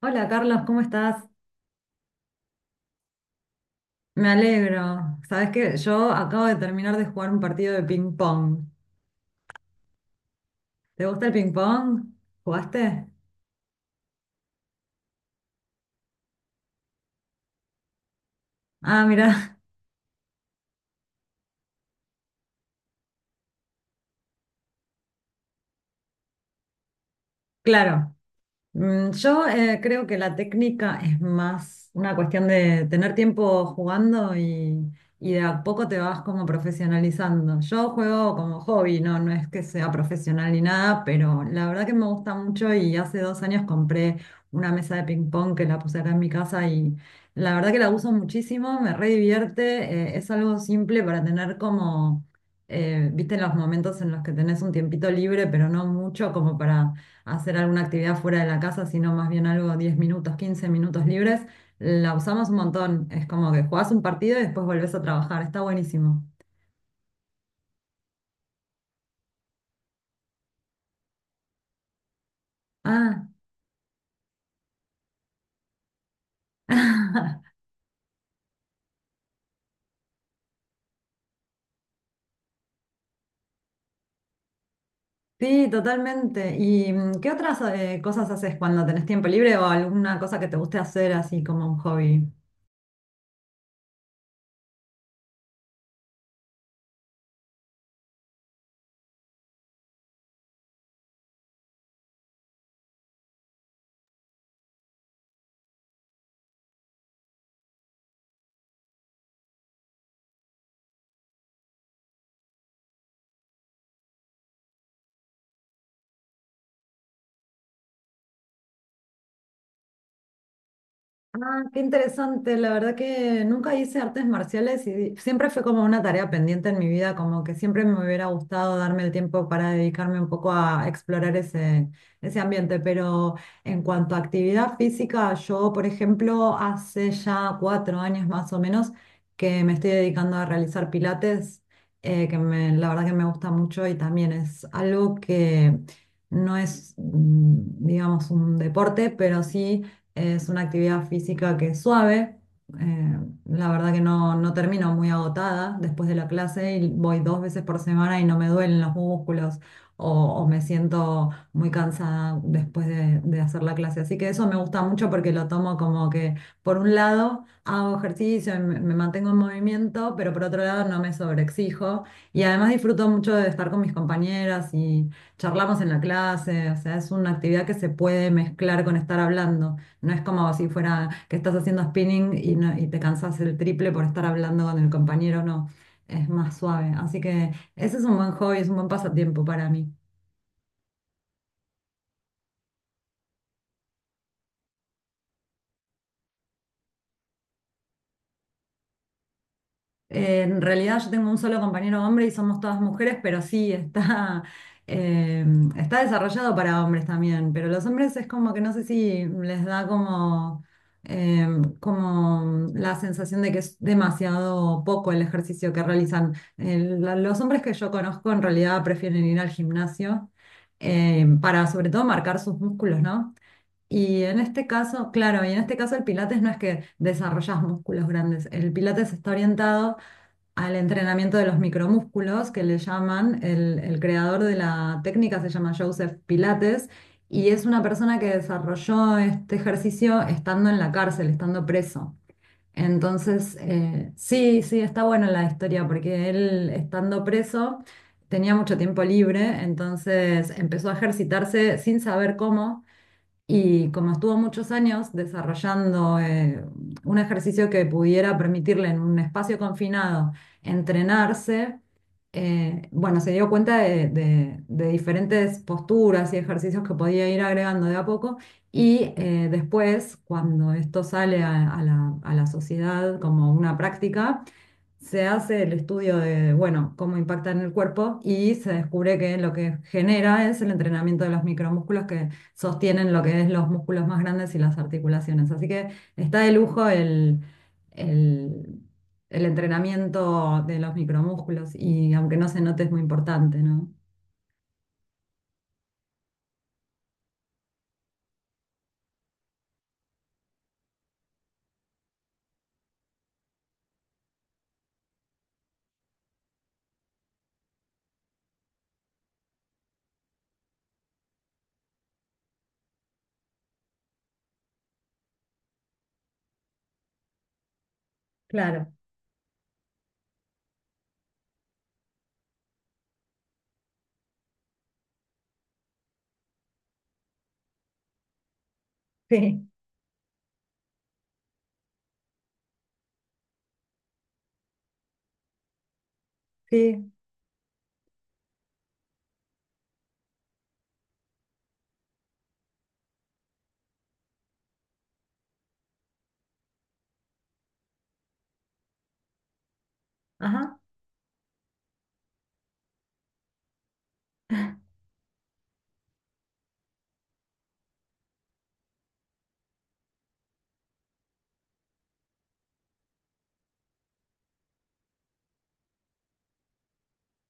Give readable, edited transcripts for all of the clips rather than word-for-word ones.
Hola Carlos, ¿cómo estás? Me alegro. Sabes que yo acabo de terminar de jugar un partido de ping pong. ¿Te gusta el ping pong? ¿Jugaste? Ah, mira, claro. Yo creo que la técnica es más una cuestión de tener tiempo jugando y de a poco te vas como profesionalizando. Yo juego como hobby, no, no es que sea profesional ni nada, pero la verdad que me gusta mucho y hace 2 años compré una mesa de ping pong que la puse acá en mi casa y la verdad que la uso muchísimo, me re divierte, es algo simple para tener viste, los momentos en los que tenés un tiempito libre, pero no mucho como para hacer alguna actividad fuera de la casa, sino más bien algo 10 minutos, 15 minutos libres, la usamos un montón. Es como que jugás un partido y después volvés a trabajar. Está buenísimo. Ah, sí, totalmente. ¿Y qué otras cosas haces cuando tenés tiempo libre o alguna cosa que te guste hacer así como un hobby? Ah, qué interesante. La verdad que nunca hice artes marciales y siempre fue como una tarea pendiente en mi vida, como que siempre me hubiera gustado darme el tiempo para dedicarme un poco a explorar ese ambiente. Pero en cuanto a actividad física, yo, por ejemplo, hace ya 4 años más o menos que me estoy dedicando a realizar pilates, la verdad que me gusta mucho y también es algo que no es, digamos, un deporte, pero sí es una actividad física que es suave. eh, la verdad que no, no termino muy agotada después de la clase y voy 2 veces por semana y no me duelen los músculos o, o me siento muy cansada después de hacer la clase. Así que eso me gusta mucho porque lo tomo como que por un lado hago ejercicio, y me mantengo en movimiento, pero por otro lado no me sobreexijo y además disfruto mucho de estar con mis compañeras y charlamos en la clase. O sea, es una actividad que se puede mezclar con estar hablando. No es como si fuera que estás haciendo spinning y, y te cansas el triple por estar hablando con el compañero, no. Es más suave. Así que ese es un buen hobby, es un buen pasatiempo para mí. En realidad yo tengo un solo compañero hombre y somos todas mujeres, pero sí, está, eh, está desarrollado para hombres también, pero los hombres es como que no sé si les da eh, como la sensación de que es demasiado poco el ejercicio que realizan. Los hombres que yo conozco en realidad prefieren ir al gimnasio para sobre todo marcar sus músculos, ¿no? Y en este caso, claro, y en este caso el pilates no es que desarrollas músculos grandes, el pilates está orientado al entrenamiento de los micromúsculos, que le llaman, el creador de la técnica se llama Joseph Pilates, y es una persona que desarrolló este ejercicio estando en la cárcel, estando preso. Entonces, sí, sí, está buena la historia, porque él estando preso tenía mucho tiempo libre, entonces empezó a ejercitarse sin saber cómo. Y como estuvo muchos años desarrollando un ejercicio que pudiera permitirle en un espacio confinado entrenarse, bueno, se dio cuenta de diferentes posturas y ejercicios que podía ir agregando de a poco. Y después, cuando esto sale a la sociedad como una práctica, se hace el estudio de, bueno, cómo impacta en el cuerpo y se descubre que lo que genera es el entrenamiento de los micromúsculos que sostienen lo que es los músculos más grandes y las articulaciones. Así que está de lujo el, el entrenamiento de los micromúsculos y aunque no se note es muy importante, ¿no? Claro, sí, sí. Ajá.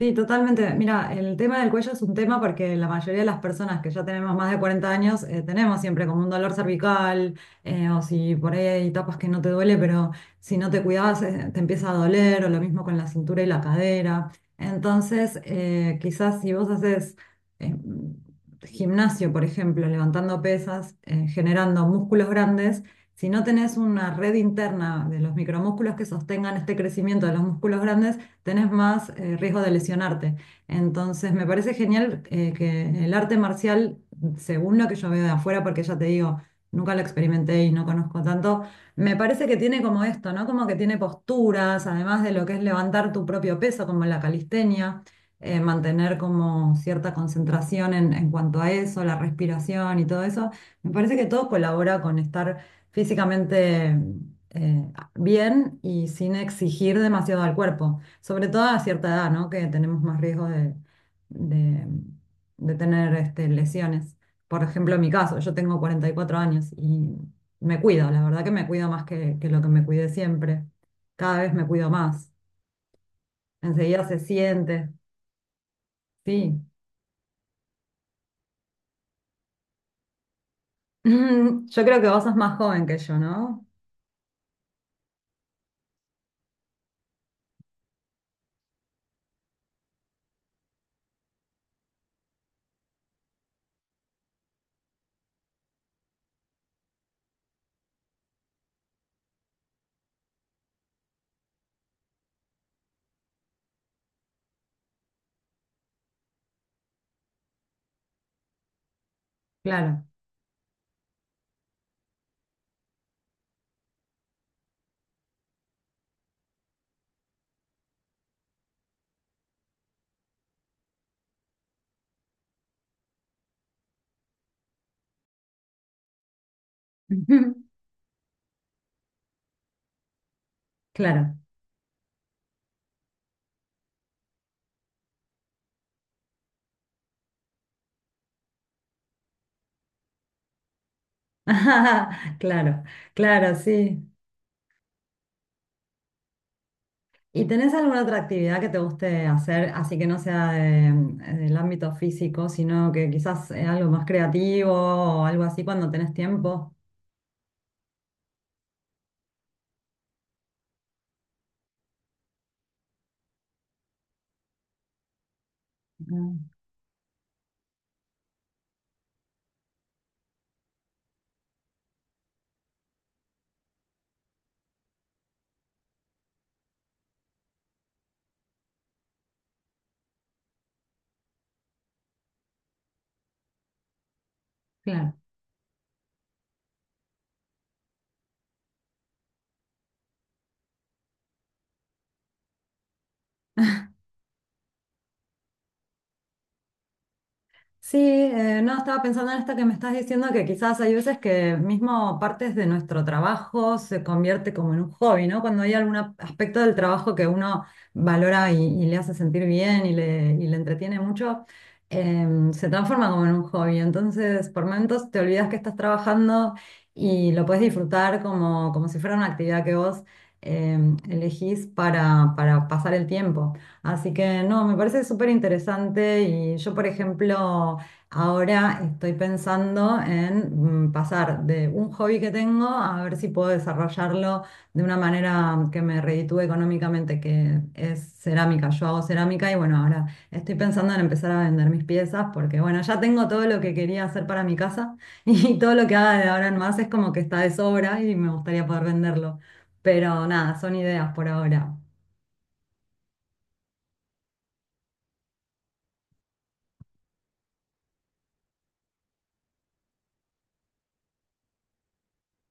Sí, totalmente. Mira, el tema del cuello es un tema porque la mayoría de las personas que ya tenemos más de 40 años tenemos siempre como un dolor cervical o si por ahí hay etapas que no te duele, pero si no te cuidabas te empieza a doler o lo mismo con la cintura y la cadera. Entonces, quizás si vos haces eh, gimnasio, por ejemplo, levantando pesas, generando músculos grandes, si no tenés una red interna de los micromúsculos que sostengan este crecimiento de los músculos grandes, tenés más riesgo de lesionarte. Entonces, me parece genial que el arte marcial, según lo que yo veo de afuera, porque ya te digo, nunca lo experimenté y no conozco tanto, me parece que tiene como esto, ¿no? Como que tiene posturas, además de lo que es levantar tu propio peso, como la calistenia, mantener como cierta concentración en cuanto a eso, la respiración y todo eso. Me parece que todo colabora con estar físicamente eh, bien y sin exigir demasiado al cuerpo. Sobre todo a cierta edad, ¿no? Que tenemos más riesgo de- de tener este, lesiones. Por ejemplo, en mi caso, yo tengo 44 años y me cuido, la verdad que me cuido más que lo que me cuidé siempre. Cada vez me cuido más. Enseguida se siente, sí. Yo creo que vos sos más joven que yo, ¿no? Claro. Claro. Claro, claro, sí. ¿Y tenés alguna otra actividad que te guste hacer, así que no sea del ámbito físico, sino que quizás algo más creativo o algo así cuando tenés tiempo? Mm, Claro. Sí, no, estaba pensando en esto que me estás diciendo, que quizás hay veces que mismo partes de nuestro trabajo se convierte como en un hobby, ¿no? Cuando hay algún aspecto del trabajo que uno valora y, y le hace sentir bien y le entretiene mucho, se transforma como en un hobby. Entonces, por momentos te olvidas que estás trabajando y lo puedes disfrutar como, como si fuera una actividad que vos elegís para pasar el tiempo. Así que no, me parece súper interesante y yo, por ejemplo, ahora estoy pensando en pasar de un hobby que tengo a ver si puedo desarrollarlo de una manera que me reditúe económicamente, que es cerámica. Yo hago cerámica y bueno, ahora estoy pensando en empezar a vender mis piezas porque bueno, ya tengo todo lo que quería hacer para mi casa y todo lo que haga de ahora en más es como que está de sobra y me gustaría poder venderlo. Pero nada, son ideas por ahora.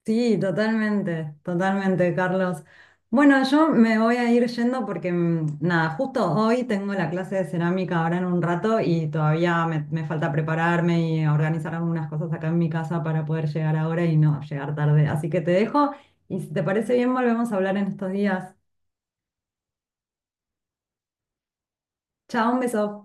Sí, totalmente, totalmente, Carlos. Bueno, yo me voy a ir yendo porque, nada, justo hoy tengo la clase de cerámica ahora en un rato y todavía me falta prepararme y organizar algunas cosas acá en mi casa para poder llegar ahora y no llegar tarde. Así que te dejo y si te parece bien, volvemos a hablar en estos días. Chao, un beso.